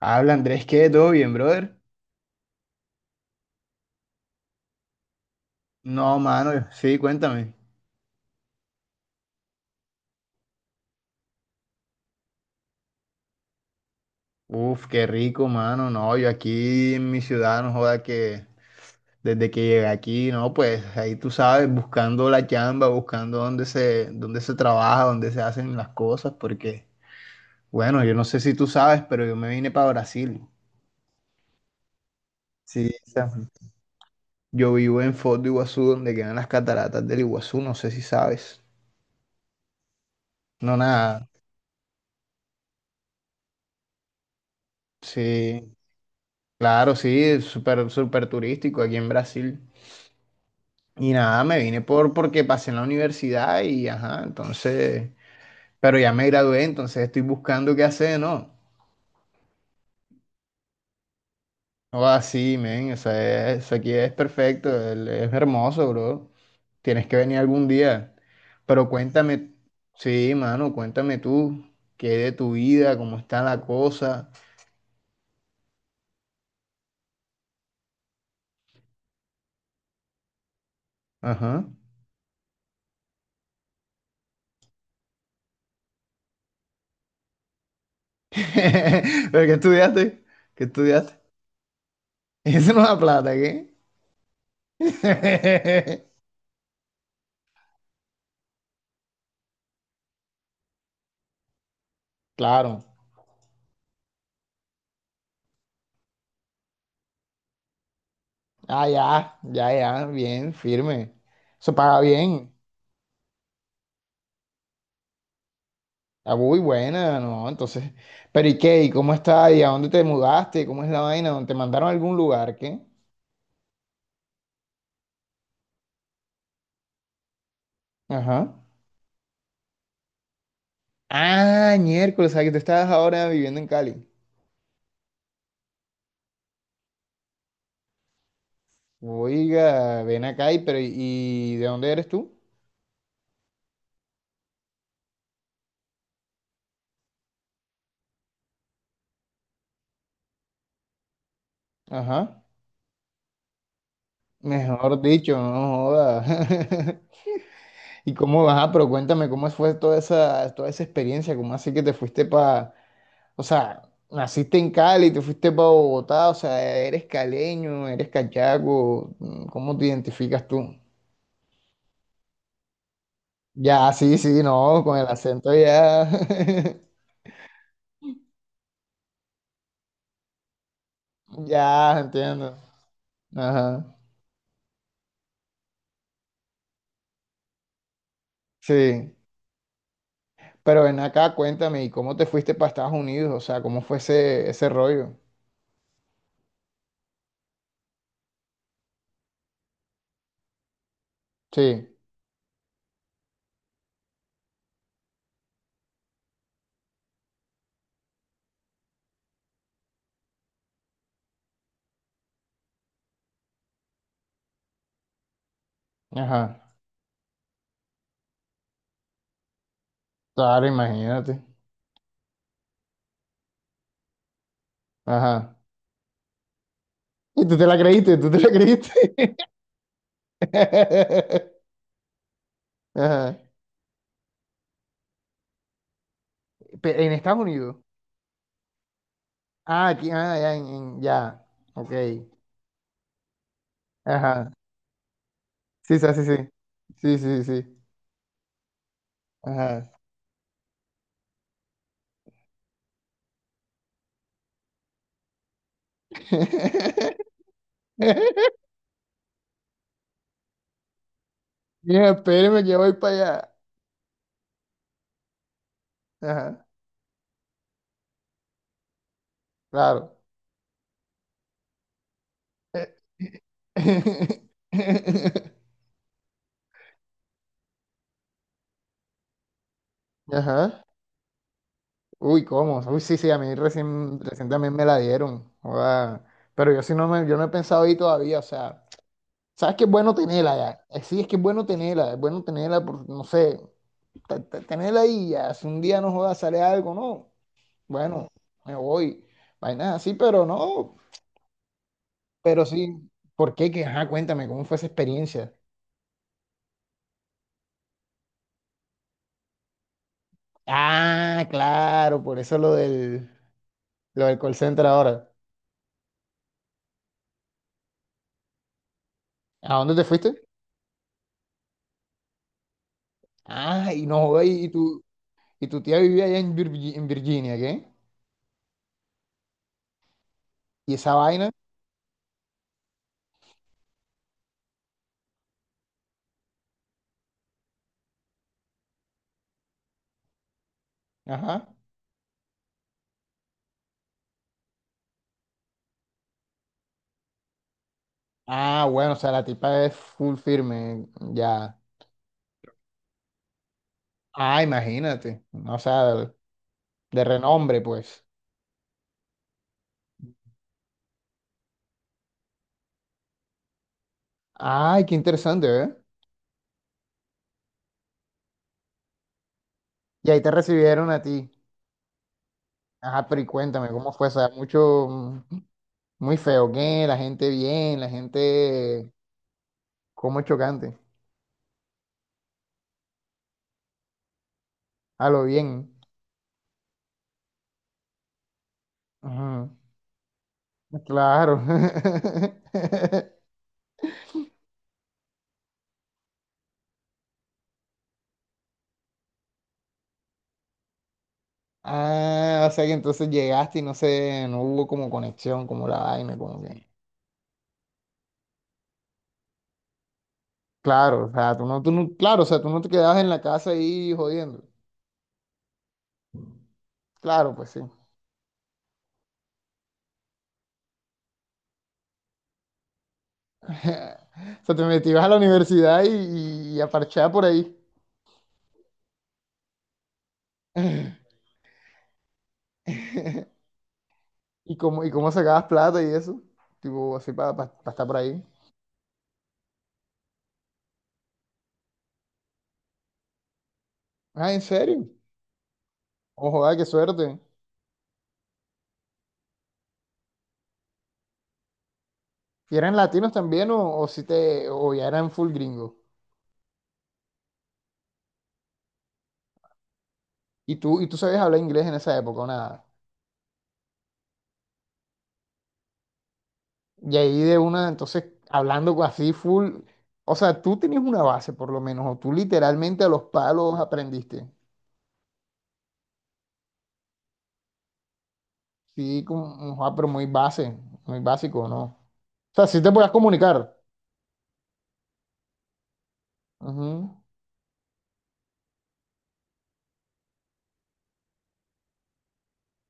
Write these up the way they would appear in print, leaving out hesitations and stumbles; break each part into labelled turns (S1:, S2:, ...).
S1: Habla Andrés, ¿qué? ¿Todo bien, brother? No, mano, sí, cuéntame. Uf, qué rico, mano. No, yo aquí en mi ciudad, no joda que desde que llegué aquí, no, pues ahí tú sabes, buscando la chamba, buscando dónde se trabaja, dónde se hacen las cosas, porque, bueno, yo no sé si tú sabes, pero yo me vine para Brasil. Sí, o sea, yo vivo en Foz do Iguazú, donde quedan las cataratas del Iguazú, no sé si sabes. No, nada. Sí, claro, sí, es súper, súper turístico aquí en Brasil. Y nada, me vine porque pasé en la universidad y ajá, entonces, pero ya me gradué, entonces estoy buscando qué hacer, ¿no? O así, men, o sea, eso aquí es perfecto, es hermoso, bro. Tienes que venir algún día. Pero cuéntame, sí, mano, cuéntame tú, qué de tu vida, cómo está la cosa. Ajá. ¿Pero qué estudiaste? ¿Qué estudiaste? Eso no da plata, ¿qué? Claro. Ah, ya, ya, ya, bien, firme. Eso paga bien. Ah, muy buena, ¿no? Entonces, pero ¿y qué? ¿Y cómo está? ¿Y a dónde te mudaste? ¿Cómo es la vaina? ¿Dónde? ¿Te mandaron a algún lugar? ¿Qué? Ajá. Ah, miércoles, o sea que tú estabas ahora viviendo en Cali. Oiga, ven acá y, pero, ¿y de dónde eres tú? Ajá. Mejor dicho, no joda. ¿Y cómo vas? Pero cuéntame, ¿cómo fue toda esa experiencia? ¿Cómo así que te fuiste para? O sea, naciste en Cali, te fuiste para Bogotá, o sea, eres caleño, eres cachaco, ¿cómo te identificas tú? Ya, sí, sí, no, con el acento ya, ya, entiendo. Ajá, sí. Pero ven acá, cuéntame, ¿y cómo te fuiste para Estados Unidos? O sea, ¿cómo fue ese rollo? Sí, ajá, claro, imagínate. Ajá. Y tú te la creíste, tú te la creíste. Ajá. Pe- En Estados Unidos. Ah, aquí, ah, ya, ya. Ok. Ajá. Sí, sí, sí, sí. Sí, sí, sí. Ajá. Mira, espéreme que voy para allá. Ajá, claro. Eh, Ajá. Uy, ¿cómo? Uy, sí, sí, a mí recién, recién también me la dieron. Joda. Pero yo sí no me, yo no he pensado ahí todavía, o sea, ¿sabes qué es bueno tenerla ya? Sí, es que es bueno tenerla, por, no sé, tenerla ahí ya, si un día no joda, sale algo, ¿no? Bueno, me voy. Vainas así, pero no, pero sí. ¿Por qué? Que, ajá, cuéntame, ¿cómo fue esa experiencia? Ah, claro, por eso lo del call center ahora. ¿A dónde te fuiste? Ah, y no, güey, y tu tía vivía allá en, Virgi- en Virginia, ¿qué? ¿Y esa vaina? Ajá. Ah, bueno, o sea, la tipa es full firme, ya. Ah, imagínate, no, o sea, de renombre, pues. Ay, qué interesante, ¿eh? Y ahí te recibieron a ti. Ajá, pero y cuéntame, ¿cómo fue? O sea, mucho, muy feo, ¿qué? La gente bien, la gente como chocante, a lo bien. Ujú. Claro. Ah, o sea que entonces llegaste y no sé, no hubo como conexión, como la vaina, como que. Claro, o sea, tú no, claro, o sea, tú no te quedabas en la casa ahí jodiendo. Claro, pues sí. O sea, te metías a la universidad y a parchar por ahí. ¿Y cómo sacabas plata y eso? Tipo, así para estar por ahí. Ah, ¿en serio? Ojo, ah, qué suerte. ¿Y eran latinos también o si te, o ya eran full gringos? ¿Y tú sabías hablar inglés en esa época o nada? Y ahí de una, entonces, hablando con- así full, o sea, tú tenías una base por lo menos, o tú literalmente a los palos aprendiste. Sí, como, ojo, ah, pero muy base, muy básico, ¿no? O sea, sí te podías comunicar. Ujú.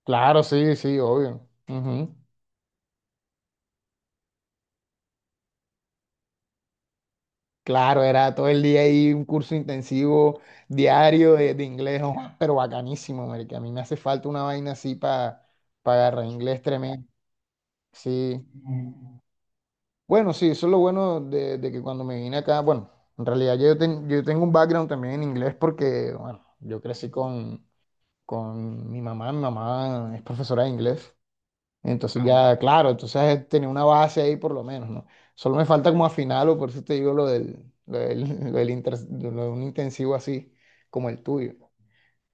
S1: Claro, sí, sí, obvio. Ujú. Claro, era todo el día ahí un curso intensivo diario de inglés, oh, pero bacanísimo, marica. A mí me hace falta una vaina así para agarrar inglés tremendo. Sí. Bueno, sí, eso es lo bueno de que cuando me vine acá, bueno, en realidad yo, ten- yo tengo un background también en inglés porque, bueno, yo crecí con mi mamá es profesora de inglés, entonces ya, claro, entonces tenía una base ahí por lo menos, ¿no? Solo me falta como afinarlo, por eso te digo lo del, lo de un intensivo así como el tuyo.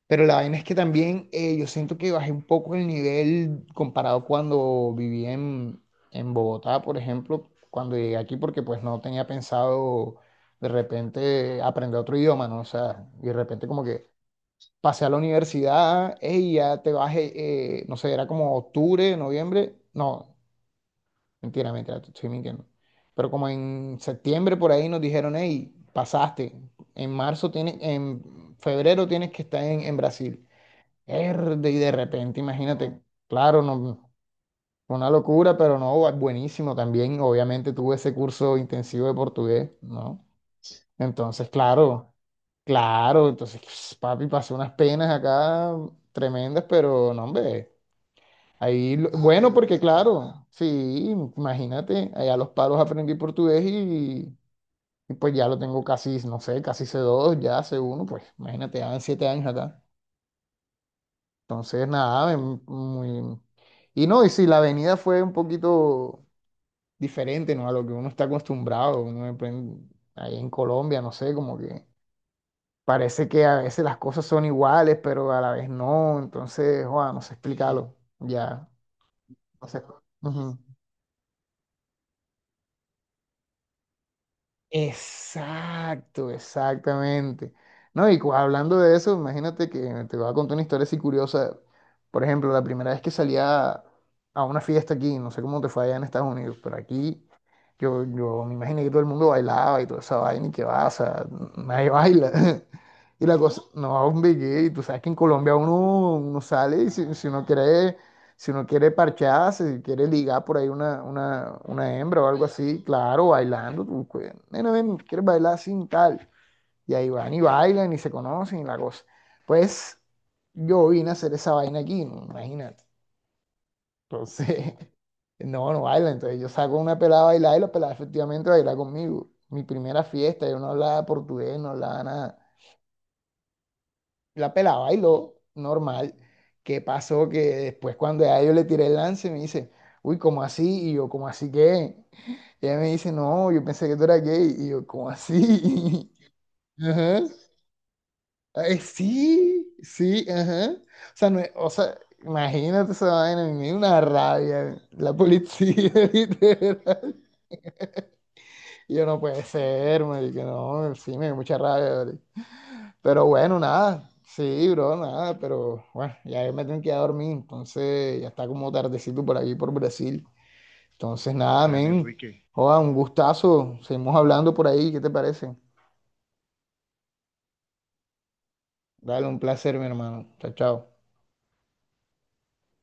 S1: Pero la vaina es que también yo siento que bajé un poco el nivel comparado cuando viví en Bogotá, por ejemplo, cuando llegué aquí, porque pues no tenía pensado de repente aprender otro idioma, ¿no? O sea, y de repente como que pasé a la universidad, ey, ya te bajé, no sé, era como octubre, noviembre, no. Mentira, mentira, te estoy mintiendo. Pero como en septiembre por ahí nos dijeron, hey, pasaste. En marzo tienes, en febrero tienes que estar en Brasil. Erde, y de repente, imagínate, claro, no, fue una locura, pero no, bu- buenísimo también. Obviamente tuve ese curso intensivo de portugués, ¿no? Entonces, claro, claro, entonces, papi, pasé unas penas acá tremendas, pero no, hombre. Ahí, lo- bueno, porque claro, sí, imagínate, allá los palos aprendí portugués y pues ya lo tengo casi, no sé, casi C2 ya C1, pues imagínate, ya van 7 años acá. Entonces, nada, muy... Y no, y sí, la avenida fue un poquito diferente, ¿no? A lo que uno está acostumbrado, uno aprende ahí en Colombia, no sé, como que parece que a veces las cosas son iguales, pero a la vez no, entonces, joder, no sé explicarlo, ya, no sé. Exacto, exactamente. No, y cu- hablando de eso, imagínate que te voy a contar una historia así curiosa. Por ejemplo, la primera vez que salía a una fiesta aquí, no sé cómo te fue allá en Estados Unidos, pero aquí yo me imaginé que todo el mundo bailaba y toda esa vaina y que va, o sea, nadie baila. Y la cosa, no, hombre, que tú sabes que en Colombia uno, uno sale y si uno quiere parcharse, si quiere ligar por ahí una hembra o algo así, claro, bailando. Tú, nena, ven, ¿quieres bailar sin tal? Y ahí van y bailan y se conocen y la cosa. Pues yo vine a hacer esa vaina aquí, imagínate. Entonces, no, no baila. Entonces yo saco una pelada a bailar y la pelada efectivamente baila conmigo. Mi primera fiesta, yo no hablaba portugués, no hablaba nada. La pelada bailó, normal. ¿Qué pasó? Que después cuando ya yo le tiré el lance, me dice, uy, ¿cómo así? Y yo, ¿cómo así qué? Y ella me dice, no, yo pensé que tú eras gay. Y yo, ¿cómo así? Ajá. Ay, sí, sí, ajá. O sea, no es- o sea, imagínate esa vaina, me dio una rabia. La policía, literal. Y yo, no puede ser, marica, no, sí, me dio mucha rabia, ¿vale? Pero bueno, nada. Sí, bro, nada. Pero bueno, ya me tengo que ir a dormir. Entonces ya está como tardecito por aquí, por Brasil. Entonces nada, men. Joda, un gustazo. Seguimos hablando por ahí. ¿Qué te parece? Dale, un placer, mi hermano. Chao, chao.